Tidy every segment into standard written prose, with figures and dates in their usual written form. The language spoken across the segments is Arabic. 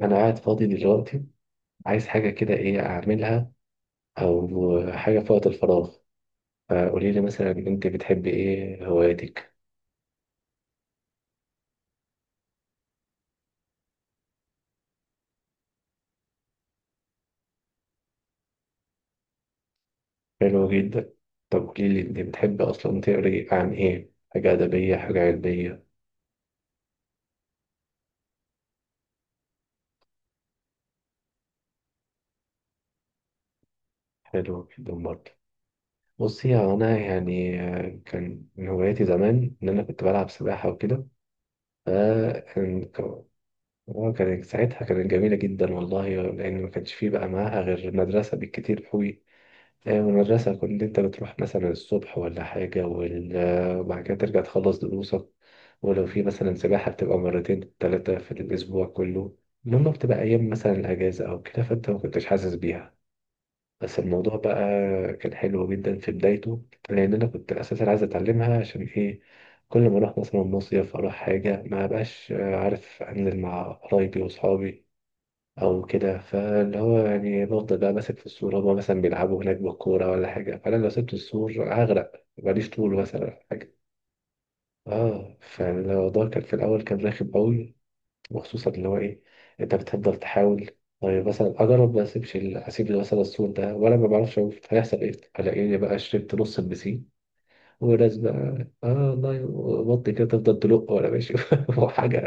انا قاعد فاضي دلوقتي، عايز حاجه كده، ايه اعملها او حاجه في وقت الفراغ؟ فقولي لي مثلا، انت بتحبي ايه؟ هواياتك؟ حلو جدا. طب قولي لي، انت بتحبي اصلا تقري عن ايه؟ حاجه ادبيه، حاجه علميه؟ حلو جدا برضه. بصي، هو انا يعني كان من هواياتي زمان ان انا كنت بلعب سباحه وكده. فكان كان ساعتها كانت جميله جدا والله، لان ما كانش فيه بقى معاها غير مدرسه بالكتير قوي. يعني من المدرسة كنت أنت بتروح مثلا الصبح ولا حاجة، وبعد كده ترجع تخلص دروسك. ولو في مثلا سباحة بتبقى مرتين تلاتة في الأسبوع كله. المهم بتبقى أيام مثلا الأجازة أو كده، فأنت ما كنتش حاسس بيها. بس الموضوع بقى كان حلو جدا في بدايته، لأن أنا كنت أساسا عايز أتعلمها عشان إيه. كل ما أروح مثلا مصيف، أروح حاجة ما بقاش عارف أنزل مع قرايبي وأصحابي او كده. فاللي هو يعني بفضل بقى ماسك في السور، هما مثلا بيلعبوا هناك بالكوره ولا حاجه، فانا لو سبت السور هغرق، ماليش طول مثلا ولا حاجه. اه، فالموضوع كان في الاول كان رخم قوي، وخصوصا اللي هو ايه، انت بتفضل تحاول. طيب مثلا اجرب ما اسيبش اسيب مثلا السور ده وانا ما بعرفش اشوف هيحصل ايه. الاقيني بقى شربت نص البسين. وناس بقى، اه والله، بطي كده تفضل تلق وانا ماشي وحاجه،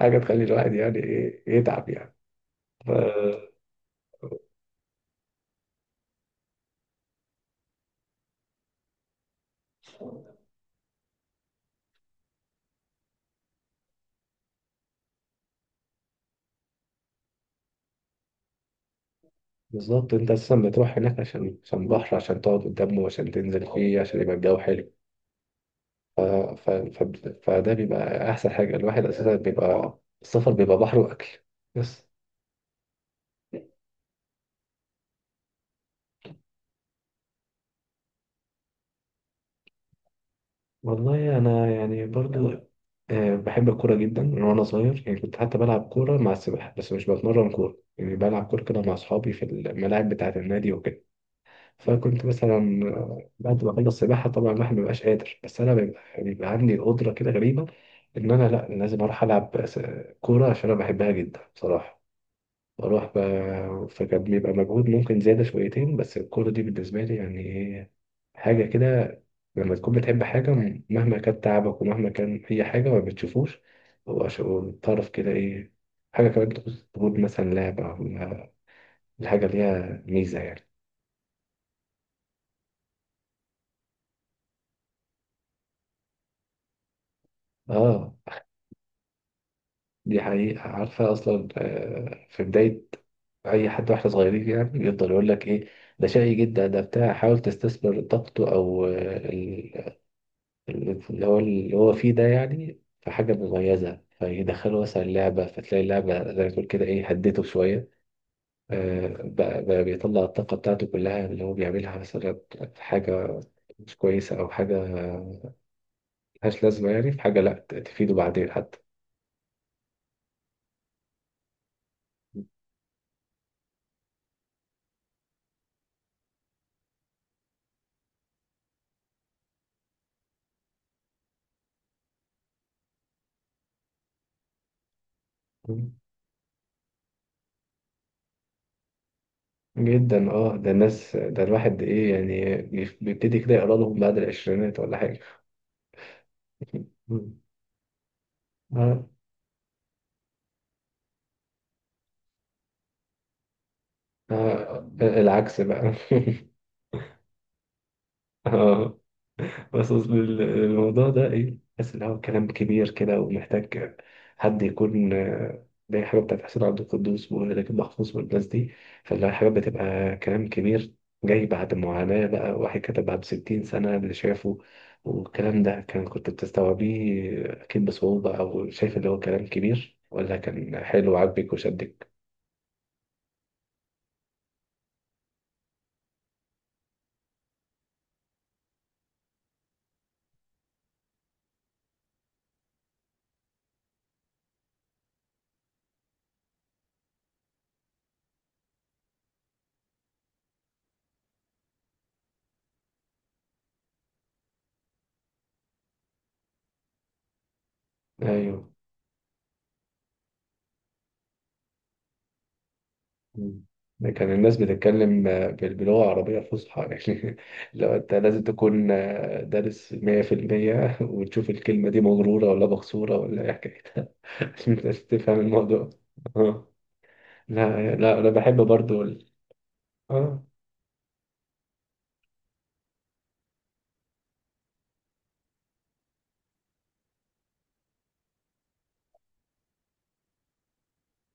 حاجه تخلي الواحد يعني يتعب يعني. ف... بالظبط، انت اساسا بتروح هناك عشان بحر، عشان تقعد قدامه، عشان تنزل فيه، عشان يبقى الجو حلو. ف... ف... ف... فده بيبقى احسن حاجه، الواحد اساسا بيبقى السفر بيبقى بحر واكل بس. والله انا يعني برضو بحب الكوره جدا من وانا صغير، يعني كنت حتى بلعب كوره مع السباحه، بس مش بتمرن كوره يعني، بلعب كوره كده مع اصحابي في الملاعب بتاعه النادي وكده. فكنت مثلا بعد ما اخلص سباحه طبعا الواحد ما بيبقاش قادر، بس انا بيبقى عندي القدره كده غريبه ان انا لا لازم اروح العب كوره عشان انا بحبها جدا بصراحه. فكان بيبقى مجهود ممكن زياده شويتين، بس الكوره دي بالنسبه لي يعني حاجه كده. لما تكون بتحب حاجه، مهما كان تعبك ومهما كان اي حاجه ما بتشوفوش. هو الطرف كده ايه، حاجه كمان تخص تقول مثلا لعبه الحاجه ليها ميزه يعني. اه، دي حقيقة. عارفة أصلا في بداية أي حد واحنا صغيرين، يعني بيفضل يقول لك إيه، ده شقي جدا، ده بتاع حاول تستثمر طاقته، أو اللي هو فيه ده، يعني في حاجة مميزة، فيدخله مثلا لعبة، فتلاقي اللعبة زي ما تقول كده هدته شوية. بقى، بيطلع الطاقة بتاعته كلها اللي هو بيعملها مثلا في حاجة مش كويسة أو حاجة ملهاش لازمة يعني، في حاجة لأ، تفيده بعدين حتى. جدا اه، ده الناس، ده الواحد ايه يعني بيبتدي كده يقرا لهم بعد العشرينات ولا حاجة. آه. آه. العكس بقى آه. بس أصل الموضوع ده ايه، بحس ان هو كلام كبير كده ومحتاج حد يكون زي حاجه بتاعت حسين عبد القدوس ولكن محفوظ والناس دي. فاللي هي حاجه بتبقى كلام كبير، جاي بعد معاناه بقى، واحد كتبها بستين سنه اللي شافه. والكلام ده كان كنت بتستوعبيه اكيد بصعوبه، او شايف اللي هو كلام كبير، ولا كان حلو وعاجبك وشدك؟ ايوه. مم. كان الناس بتتكلم بلغة عربية فصحى يعني، لو أنت لازم تكون دارس 100% وتشوف الكلمة دي مغرورة ولا مكسورة ولا إيه حكايتها عشان تفهم الموضوع. آه. لا لا، أنا بحب برضو آه،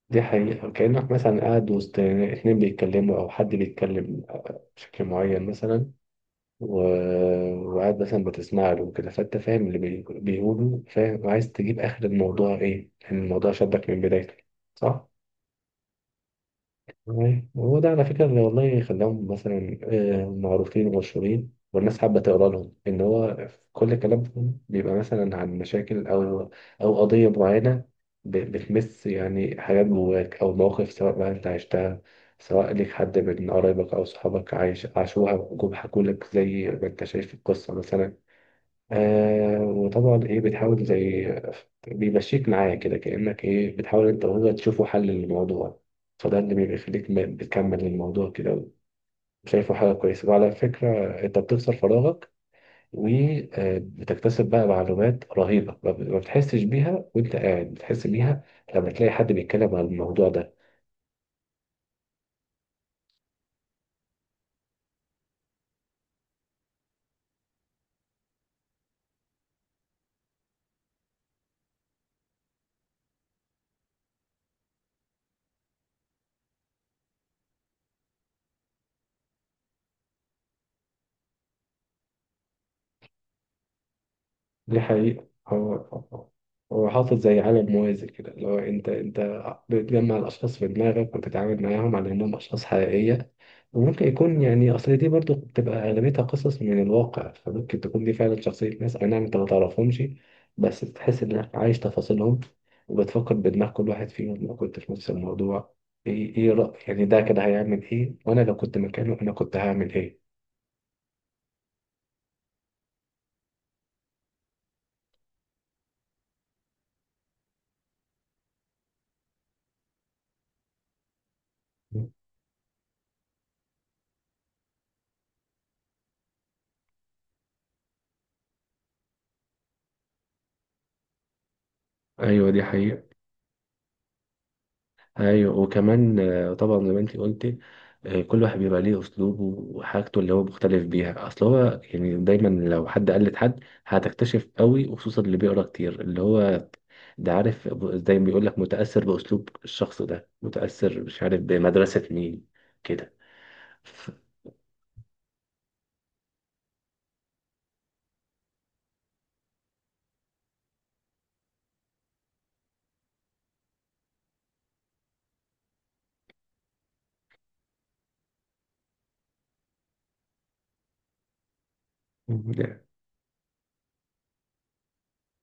دي حقيقة. كأنك مثلا قاعد وسط اتنين بيتكلموا أو حد بيتكلم بشكل معين مثلا، وقاعد مثلا بتسمع له وكده، فانت فاهم اللي بيقوله فاهم، وعايز تجيب اخر الموضوع ايه، لان الموضوع شدك من بدايته. صح؟ أيوة. وهو ده على فكره اللي والله خلاهم مثلا معروفين ومشهورين، والناس حابه تقرا لهم، ان هو كل كلامهم بيبقى مثلا عن مشاكل او او قضيه معينه، بتمس يعني حاجات جواك، او مواقف سواء بقى انت عشتها، سواء ليك حد من قرايبك او صحابك عايش عاشوها، جم حكولك زي ما انت شايف في القصه مثلا. آه، وطبعا ايه بتحاول، زي بيمشيك معاه كده، كأنك ايه بتحاول انت وهو تشوفوا حل للموضوع. فده اللي بيخليك بتكمل الموضوع كده، شايفه حاجة كويسة. وعلى فكرة انت بتكسر فراغك، وبتكتسب بقى معلومات رهيبة ما بتحسش بيها وانت قاعد، بتحس بيها لما تلاقي حد بيتكلم عن الموضوع ده. دي حقيقة. هو هو هو حاطط زي عالم موازي كده، اللي هو انت بتجمع الاشخاص في دماغك وتتعامل معاهم على انهم اشخاص حقيقية. وممكن يكون يعني، اصل دي برضو بتبقى اغلبيتها قصص من الواقع، فممكن تكون دي فعلا شخصية ناس، اي نعم انت ما تعرفهمش، بس تحس انك عايش تفاصيلهم، وبتفكر بدماغ كل واحد فيهم لو كنت في نفس الموضوع، ايه رأي يعني ده كده هيعمل ايه، وانا لو كنت مكانه انا كنت هعمل ايه. ايوه، دي حقيقة. ايوه، وكمان طبعا زي ما انت قلتي، كل واحد بيبقى ليه اسلوبه وحاجته اللي هو مختلف بيها. اصل هو يعني دايما لو حد قلد حد هتكتشف قوي، وخصوصا اللي بيقرا كتير اللي هو ده عارف، زي ما بيقول لك متأثر باسلوب الشخص ده، متأثر مش عارف بمدرسة مين كده. ف- ده-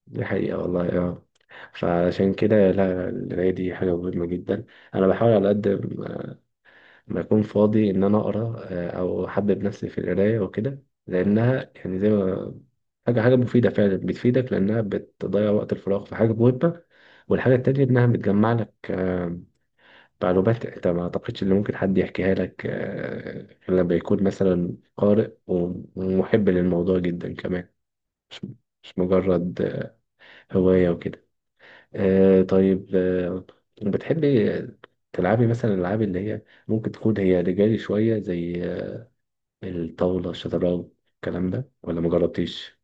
دي حقيقة والله، اه. فعشان كده لا، القراية دي حاجة مهمة جدا. أنا بحاول على قد ما اكون فاضي ان انا اقرا او احبب نفسي في القرايه وكده، لانها يعني زي ما حاجه، حاجه مفيده فعلا، بتفيدك لانها بتضيع وقت الفراغ في حاجه مهمه. والحاجه التانيه انها بتجمع لك معلومات انت ما اعتقدش ان ممكن حد يحكيها لك غير لما يكون مثلا قارئ ومحب للموضوع جدا كمان. مش مجرد هوايه وكده. طيب، بتحبي تلعبي مثلا الالعاب اللي هي ممكن تكون هي رجالي شوية، زي الطاولة، الشطرنج، الكلام ده، ولا مجربتيش؟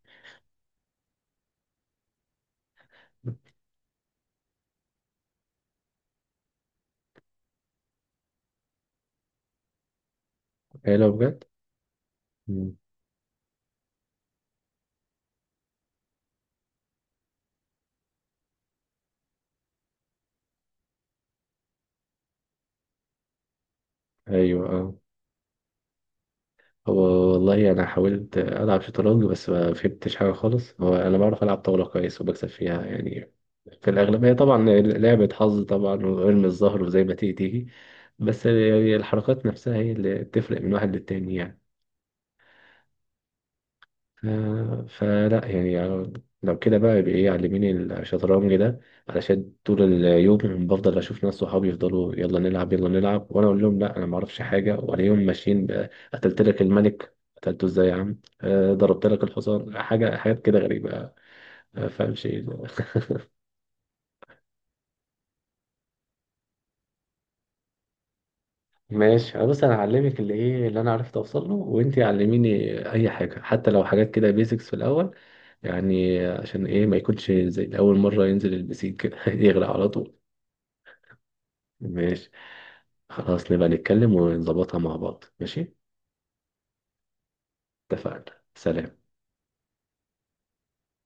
هي لو بجد؟ مم. أيوة أه. هو والله أنا حاولت ألعب شطرنج بس ما فهمتش حاجة خالص. هو أنا بعرف ألعب طاولة كويس، وبكسب فيها يعني في الأغلبية. طبعا لعبة حظ طبعا، وارمي الظهر وزي ما تيجي تيجي، بس يعني الحركات نفسها هي اللي بتفرق من واحد للتاني يعني. فلا يعني لو كده بقى يبقى ايه، علميني الشطرنج ده، علشان طول اليوم بفضل اشوف ناس صحابي يفضلوا يلا نلعب يلا نلعب، وانا اقول لهم لا انا ما اعرفش حاجه، والاقيهم ماشيين بقى، قتلت لك الملك، قتلته ازاي يا عم؟ ضربت لك الحصان، حاجه، حاجات كده غريبه ما فاهمش ايه ده. ماشي. بس انا هعلمك اللي ايه اللي انا عرفت اوصل له، وانتي علميني اي حاجه حتى لو حاجات كده بيزكس في الاول، يعني عشان ايه ما يكونش زي اول مره ينزل البسيك كده يغرق على طول. ماشي. خلاص، نبقى نتكلم ونظبطها مع بعض. ماشي. اتفقنا، سلام.